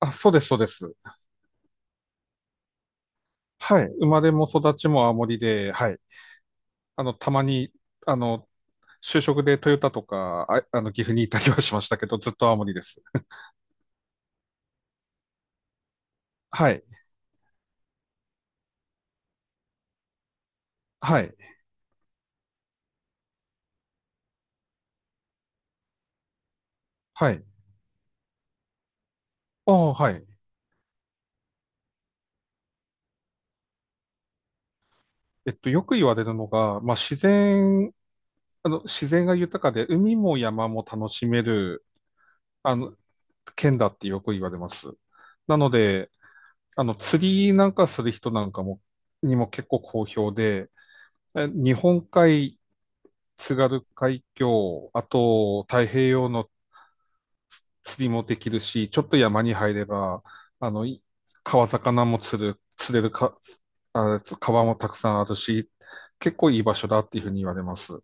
あ、そうです、そうです。はい。生まれも育ちも青森で、はい。たまに、あの、就職でトヨタとか、岐阜にいたりはしましたけど、ずっと青森です。はい。はい。はい。ああ、はい。よく言われるのが、まあ、自然が豊かで、海も山も楽しめる、あの、県だってよく言われます。なので、釣りなんかする人なんかも、にも結構好評で、日本海津軽海峡、あと太平洋の釣りもできるし、ちょっと山に入れば、あの、い川魚も釣る、釣れるか、川もたくさんあるし、結構いい場所だっていうふうに言われます。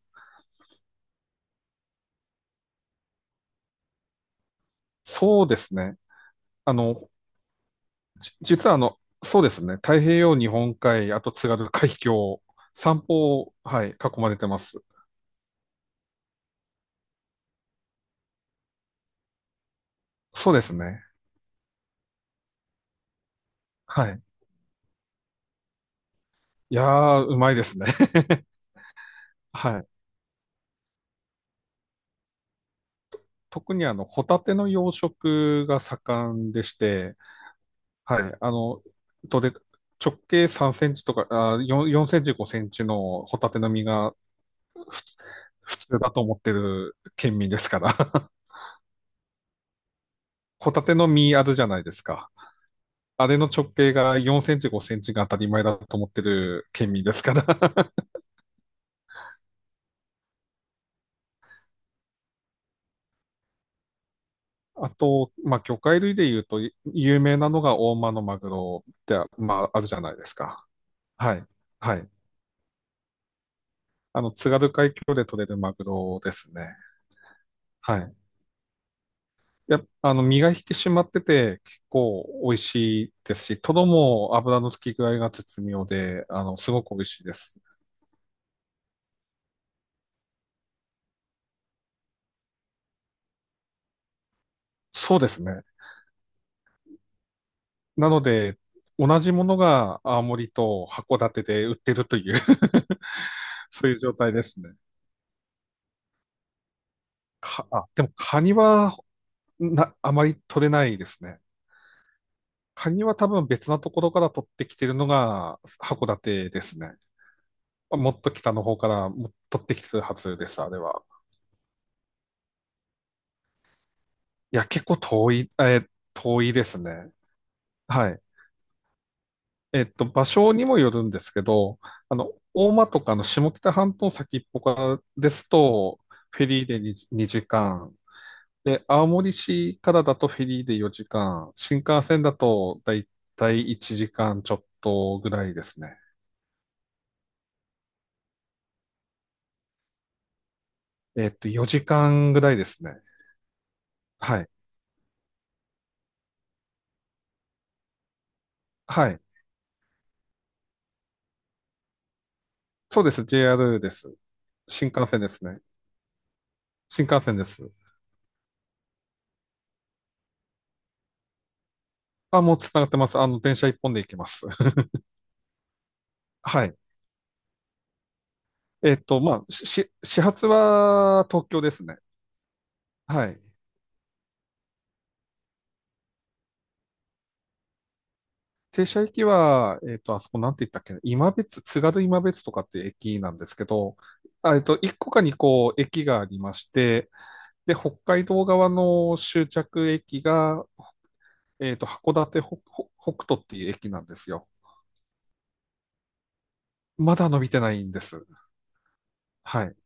そうですね。あの、実はそうですね。太平洋、日本海、あと津軽海峡、三方、はい、囲まれてます。そうですね。はい。いやー、うまいですね。はい。特にホタテの養殖が盛んでして、はい、どれ、直径3センチとか、4センチ、5センチのホタテの身がふつ普通だと思ってる県民ですから。ホタテの身あるじゃないですか。あれの直径が4センチ、5センチが当たり前だと思ってる県民ですから。あと、まあ、魚介類で言うと、有名なのが大間のマグロって、まあ、あるじゃないですか。はい。はい。津軽海峡で取れるマグロですね。はい。やっあの、身が引き締まってて、結構美味しいですし、トロも油の付き具合が絶妙で、すごく美味しいです。そうですね。なので、同じものが青森と函館で売ってるという そういう状態ですね。でもカニはあまり取れないですね。カニは多分別なところから取ってきてるのが函館ですね。もっと北の方からも取ってきてるはずです、あれは。いや、結構遠い、遠いですね。はい。場所にもよるんですけど、大間とかの下北半島先っぽからですと、フェリーで 2, 時間、で、青森市からだとフェリーで4時間、新幹線だとだいたい1時間ちょっとぐらいですね。4時間ぐらいですね。はい。はい。そうです。JR です。新幹線ですね。新幹線です。あ、もうつながってます。電車一本で行きます。はい。まあ、始発は東京ですね。はい。停車駅は、あそこなんて言ったっけな、今別、津軽今別とかっていう駅なんですけど、1個か2個駅がありまして、で、北海道側の終着駅が、函館北、北北斗っていう駅なんですよ。まだ伸びてないんです。はい。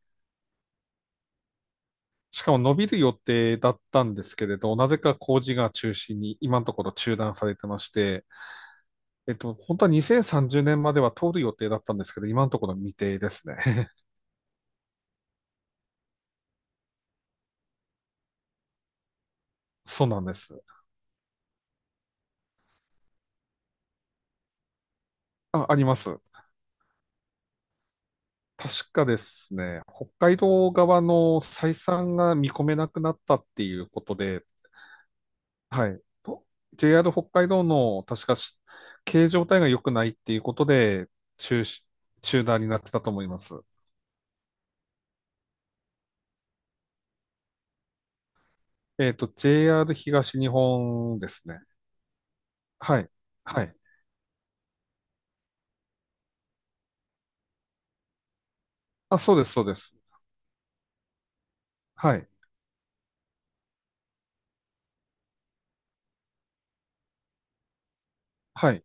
しかも伸びる予定だったんですけれど、なぜか工事が中心に今のところ中断されてまして、本当は2030年までは通る予定だったんですけど、今のところ未定ですね。そうなんです。あ、あります。確かですね、北海道側の採算が見込めなくなったっていうことで、はい。と JR 北海道の確か経営状態が良くないっていうことで中止、中断になってたと思います。JR 東日本ですね。はい。はい。あ、そうです、そうです。はい。はい。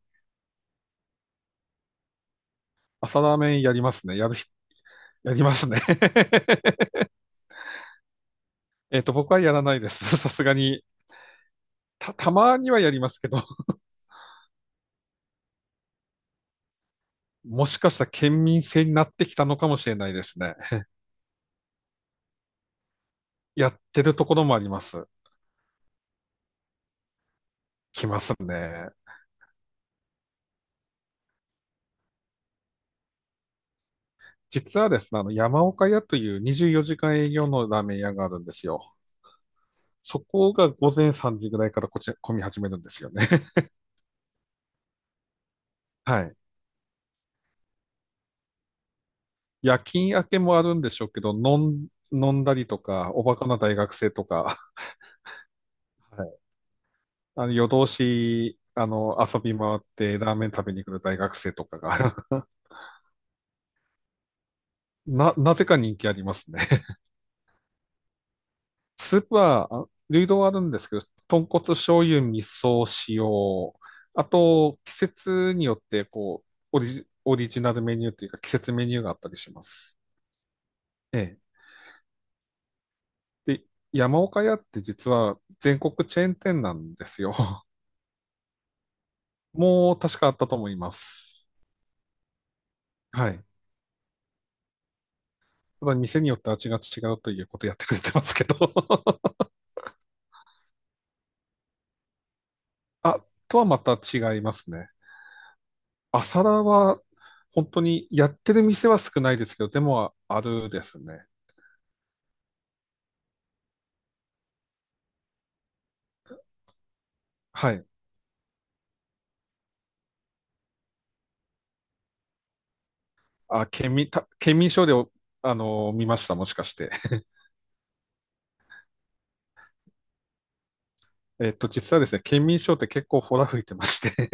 朝ラーメンやりますね。やる人、やりますね。僕はやらないです。さすがに。たまにはやりますけど、もしかしたら県民性になってきたのかもしれないですね。やってるところもあります。来ますね。実はですね、山岡屋という24時間営業のラーメン屋があるんですよ。そこが午前3時ぐらいからこちら、混み始めるんですよね。はい。夜勤明けもあるんでしょうけど、飲んだりとか、おバカな大学生とか、はい。夜通し、遊び回ってラーメン食べに来る大学生とかが なぜか人気ありますね。スープは、流動はあるんですけど、豚骨醤油、味噌、塩、あと、季節によって、こう、オリジナルメニューというか、季節メニューがあったりします。ええ。で、山岡屋って実は全国チェーン店なんですよ。もう確かあったと思います。はい。ただ店によって味が違うということやってくれてますけど あ、とはまた違いますね。朝ラーは本当にやってる店は少ないですけど、でもあるですね。はい。県民シでお、見ました、もしかして。実はですね、県民賞って結構ほら吹いてまして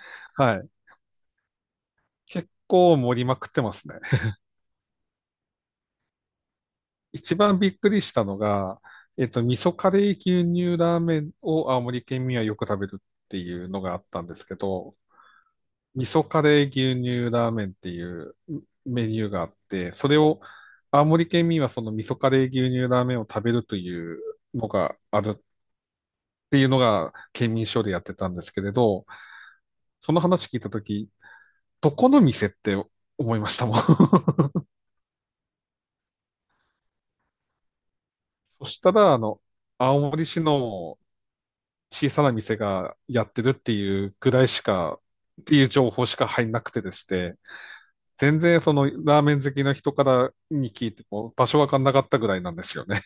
はい。結構盛りまくってますね。一番びっくりしたのが、味噌カレー牛乳ラーメンを青森県民はよく食べるっていうのがあったんですけど、味噌カレー牛乳ラーメンっていうメニューがあって、それを青森県民はその味噌カレー牛乳ラーメンを食べるというのがあるっていうのが県民省でやってたんですけれど、その話聞いたとき、どこの店って思いましたもん。そしたら、青森市の小さな店がやってるっていうぐらいしか、っていう情報しか入んなくてでして、全然そのラーメン好きの人からに聞いても場所わかんなかったぐらいなんですよね。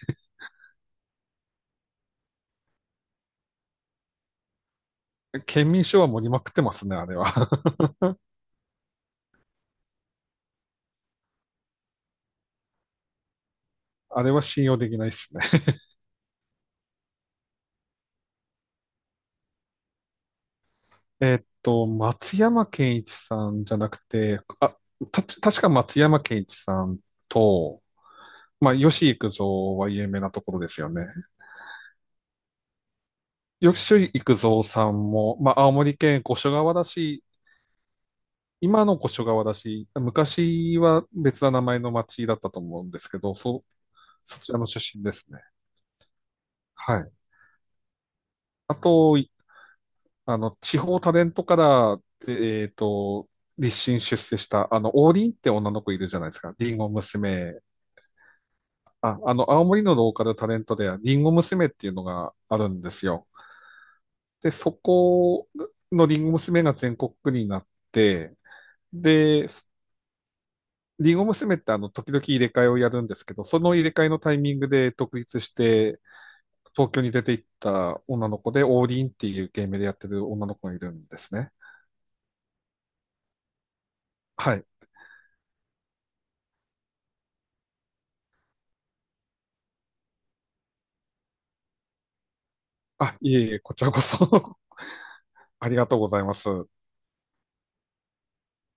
県民賞は盛りまくってますね、あれは。あれは信用できないですね。松山健一さんじゃなくて、確か松山健一さんと、まあ、吉幾三は有名なところですよね。吉幾三さんも、まあ、青森県五所川原市今の越川だし、昔は別な名前の町だったと思うんですけど、そちらの出身ですね。はい。あと、いあの、地方タレントから、で、立身出世した、王林って女の子いるじゃないですか。リンゴ娘。青森のローカルタレントで、リンゴ娘っていうのがあるんですよ。で、そこのリンゴ娘が全国区になって、で、リンゴ娘って時々入れ替えをやるんですけど、その入れ替えのタイミングで独立して、東京に出て行った女の子で、王林っていうゲームでやってる女の子がいるんですね。はい。あ、いえいえ、こちらこそ ありがとうございます。